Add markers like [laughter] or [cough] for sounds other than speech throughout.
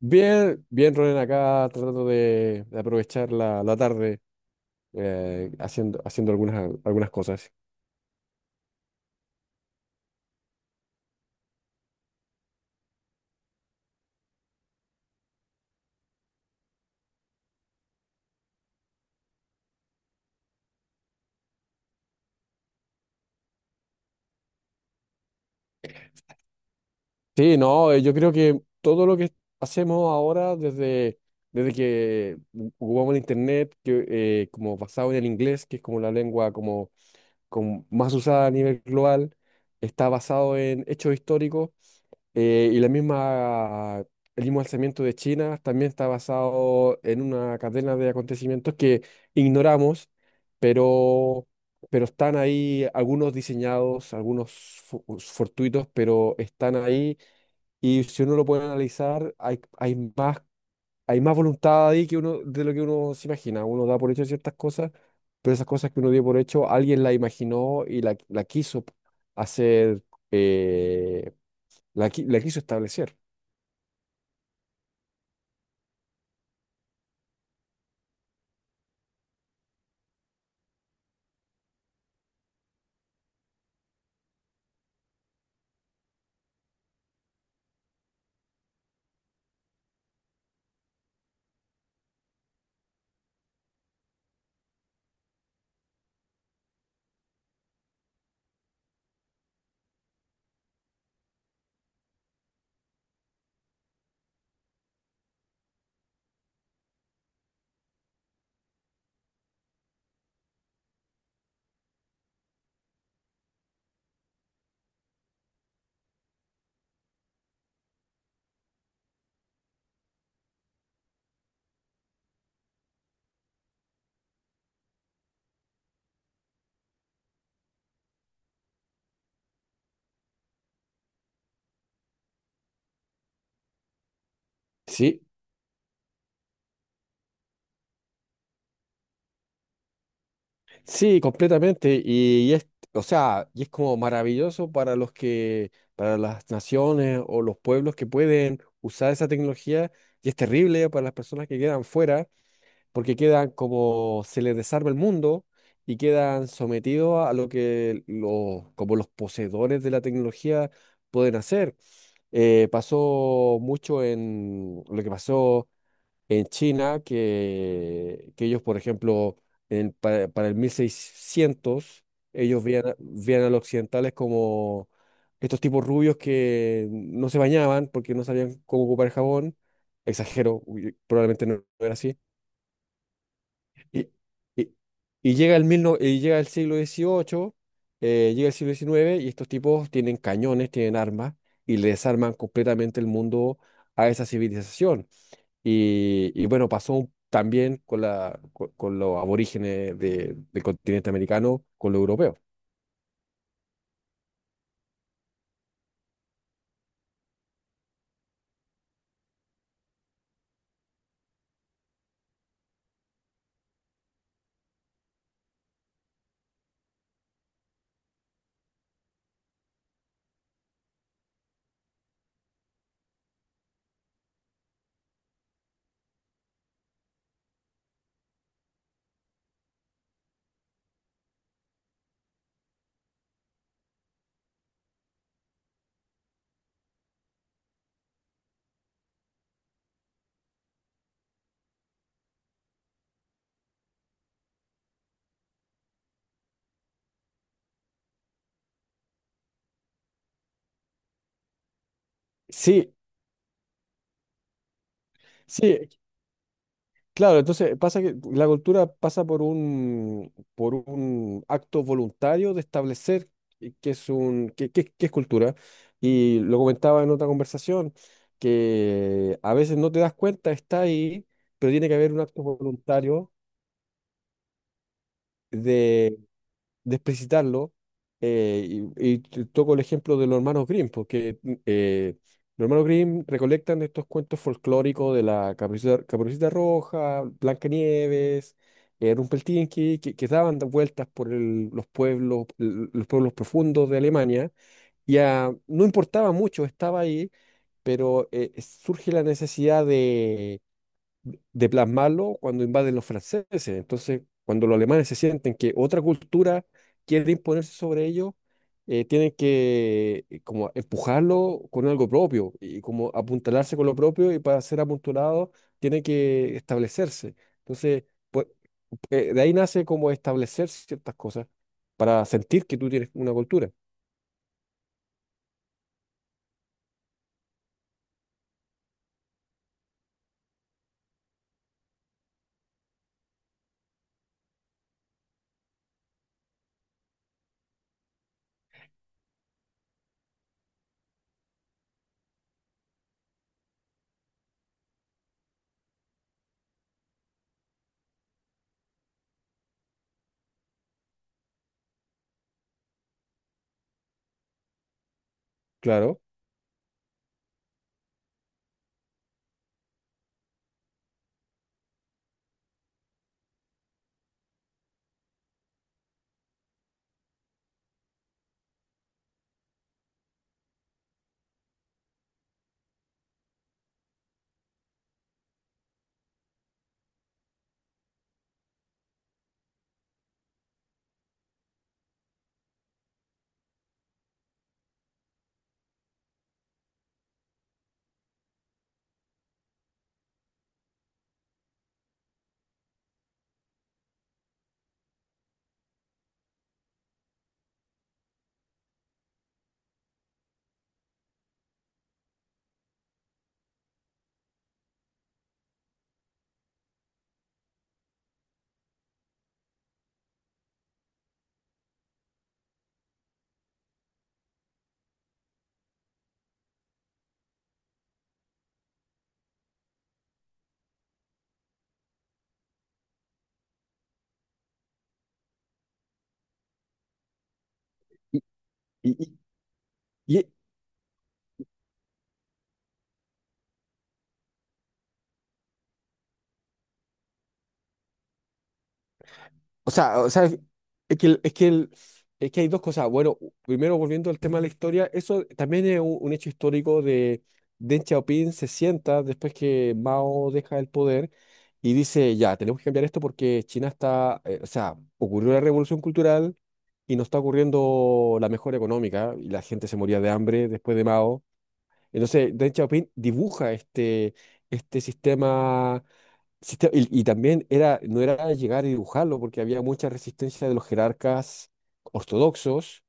Bien, bien, Ronen, acá tratando de aprovechar la tarde, haciendo, haciendo algunas cosas. Sí, no, yo creo que todo lo que hacemos ahora desde que jugamos el internet, como basado en el inglés, que es como la lengua como más usada a nivel global, está basado en hechos históricos. Y el mismo alzamiento de China también está basado en una cadena de acontecimientos que ignoramos, pero, pero están ahí algunos diseñados, algunos fortuitos, pero están ahí. Y si uno lo puede analizar, hay más voluntad ahí que uno, de lo que uno se imagina. Uno da por hecho ciertas cosas, pero esas cosas que uno dio por hecho, alguien la imaginó y la quiso hacer, eh, la quiso establecer. Sí, sí, completamente. O sea, y es como maravilloso para los que, para las naciones o los pueblos que pueden usar esa tecnología, y es terrible para las personas que quedan fuera porque quedan como se les desarma el mundo y quedan sometidos a lo que los, como los poseedores de la tecnología pueden hacer. Pasó mucho en lo que pasó en China, que ellos, por ejemplo, para el 1600, ellos veían, veían a los occidentales como estos tipos rubios que no se bañaban porque no sabían cómo ocupar el jabón. Exagero, uy, probablemente no era así. y, y- y llega el mil no- y llega el siglo dieciocho, llega el siglo diecinueve y estos tipos tienen cañones, tienen armas y le desarman completamente el mundo a esa civilización. Y bueno, también con los aborígenes del continente americano, con los europeos. Sí, sí, claro, entonces pasa que la cultura pasa por por un acto voluntario de establecer qué qué es qué es cultura. Y lo comentaba en otra conversación, que a veces no te das cuenta, está ahí, pero tiene que haber un acto voluntario de explicitarlo, eh, toco el ejemplo de los hermanos Grimm, porque eh, los hermanos Grimm recolectan estos cuentos folclóricos de la Caperucita, Caperucita Roja, Blancanieves, Rumpelstiltskin, que daban vueltas por los pueblos, los pueblos profundos de Alemania, y ah, no importaba mucho, estaba ahí, pero surge la necesidad de plasmarlo cuando invaden los franceses. Entonces, cuando los alemanes se sienten que otra cultura quiere imponerse sobre ellos, tienen que como empujarlo con algo propio y como apuntalarse con lo propio y para ser apuntalados tiene que establecerse. Entonces, pues, de ahí nace como establecer ciertas cosas para sentir que tú tienes una cultura. Claro. Y, y, y- O sea, es que, es que hay dos cosas. Bueno, primero volviendo al tema de la historia, eso también es un hecho histórico de Deng Xiaoping. Se sienta después que Mao deja el poder y dice, ya, tenemos que cambiar esto porque China está, o sea, ocurrió la revolución cultural y no está ocurriendo la mejora económica y la gente se moría de hambre después de Mao. Entonces, Deng Xiaoping dibuja este, este y también era, no era llegar y dibujarlo, porque había mucha resistencia de los jerarcas ortodoxos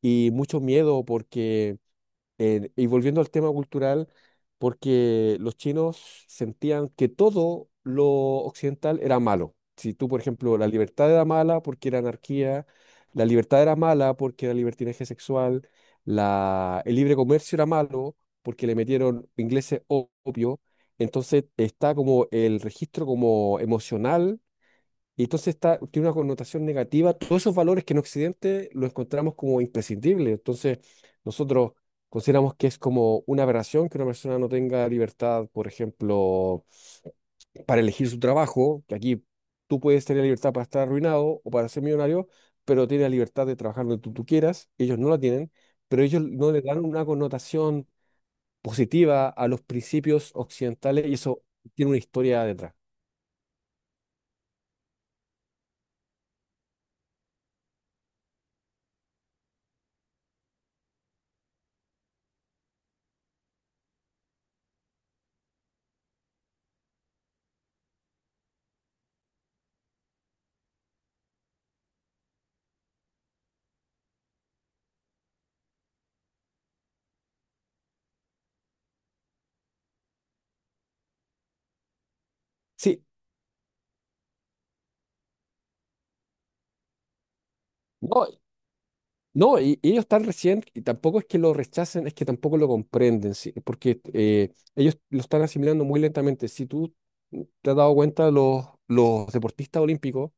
y mucho miedo porque, y volviendo al tema cultural, porque los chinos sentían que todo lo occidental era malo. Si tú, por ejemplo, la libertad era mala porque era anarquía, la libertad era mala porque era libertinaje sexual, el libre comercio era malo porque le metieron ingleses opio, entonces está como el registro como emocional y entonces está, tiene una connotación negativa. Todos esos valores que en Occidente los encontramos como imprescindibles. Entonces, nosotros consideramos que es como una aberración que una persona no tenga libertad, por ejemplo, para elegir su trabajo, que aquí tú puedes tener libertad para estar arruinado o para ser millonario, pero tienes la libertad de trabajar donde tú quieras, ellos no la tienen, pero ellos no le dan una connotación positiva a los principios occidentales y eso tiene una historia detrás. Sí, no, no, y ellos están recién, y tampoco es que lo rechacen, es que tampoco lo comprenden, sí, porque ellos lo están asimilando muy lentamente. Si tú te has dado cuenta, los deportistas olímpicos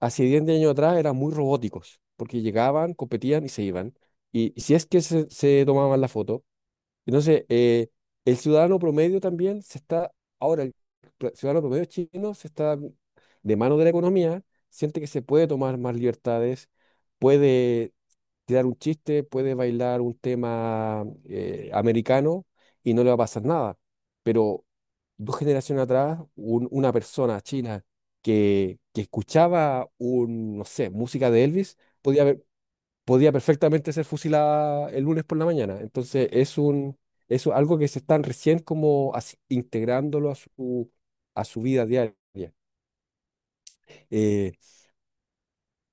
hace 10 años atrás eran muy robóticos, porque llegaban, competían y se iban. Y si es que se tomaban la foto, entonces, el ciudadano promedio también se está, ahora el ciudadano promedio chino se está de mano de la economía, siente que se puede tomar más libertades, puede tirar un chiste, puede bailar un tema americano y no le va a pasar nada. Pero dos generaciones atrás, una persona china que escuchaba un, no sé, música de Elvis, podía, podía perfectamente ser fusilada el lunes por la mañana. Entonces es un, es algo que se están recién como integrándolo a su vida diaria. Eh,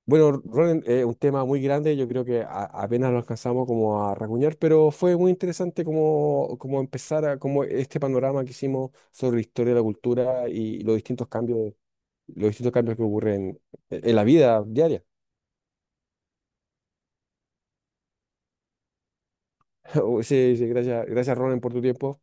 bueno, Ronen, es un tema muy grande, yo creo que apenas lo alcanzamos como a racuñar, pero fue muy interesante como, como empezar a, como este panorama que hicimos sobre la historia de la cultura y los distintos cambios que ocurren en la vida diaria. [laughs] Sí, sí, gracias, gracias Ronen por tu tiempo.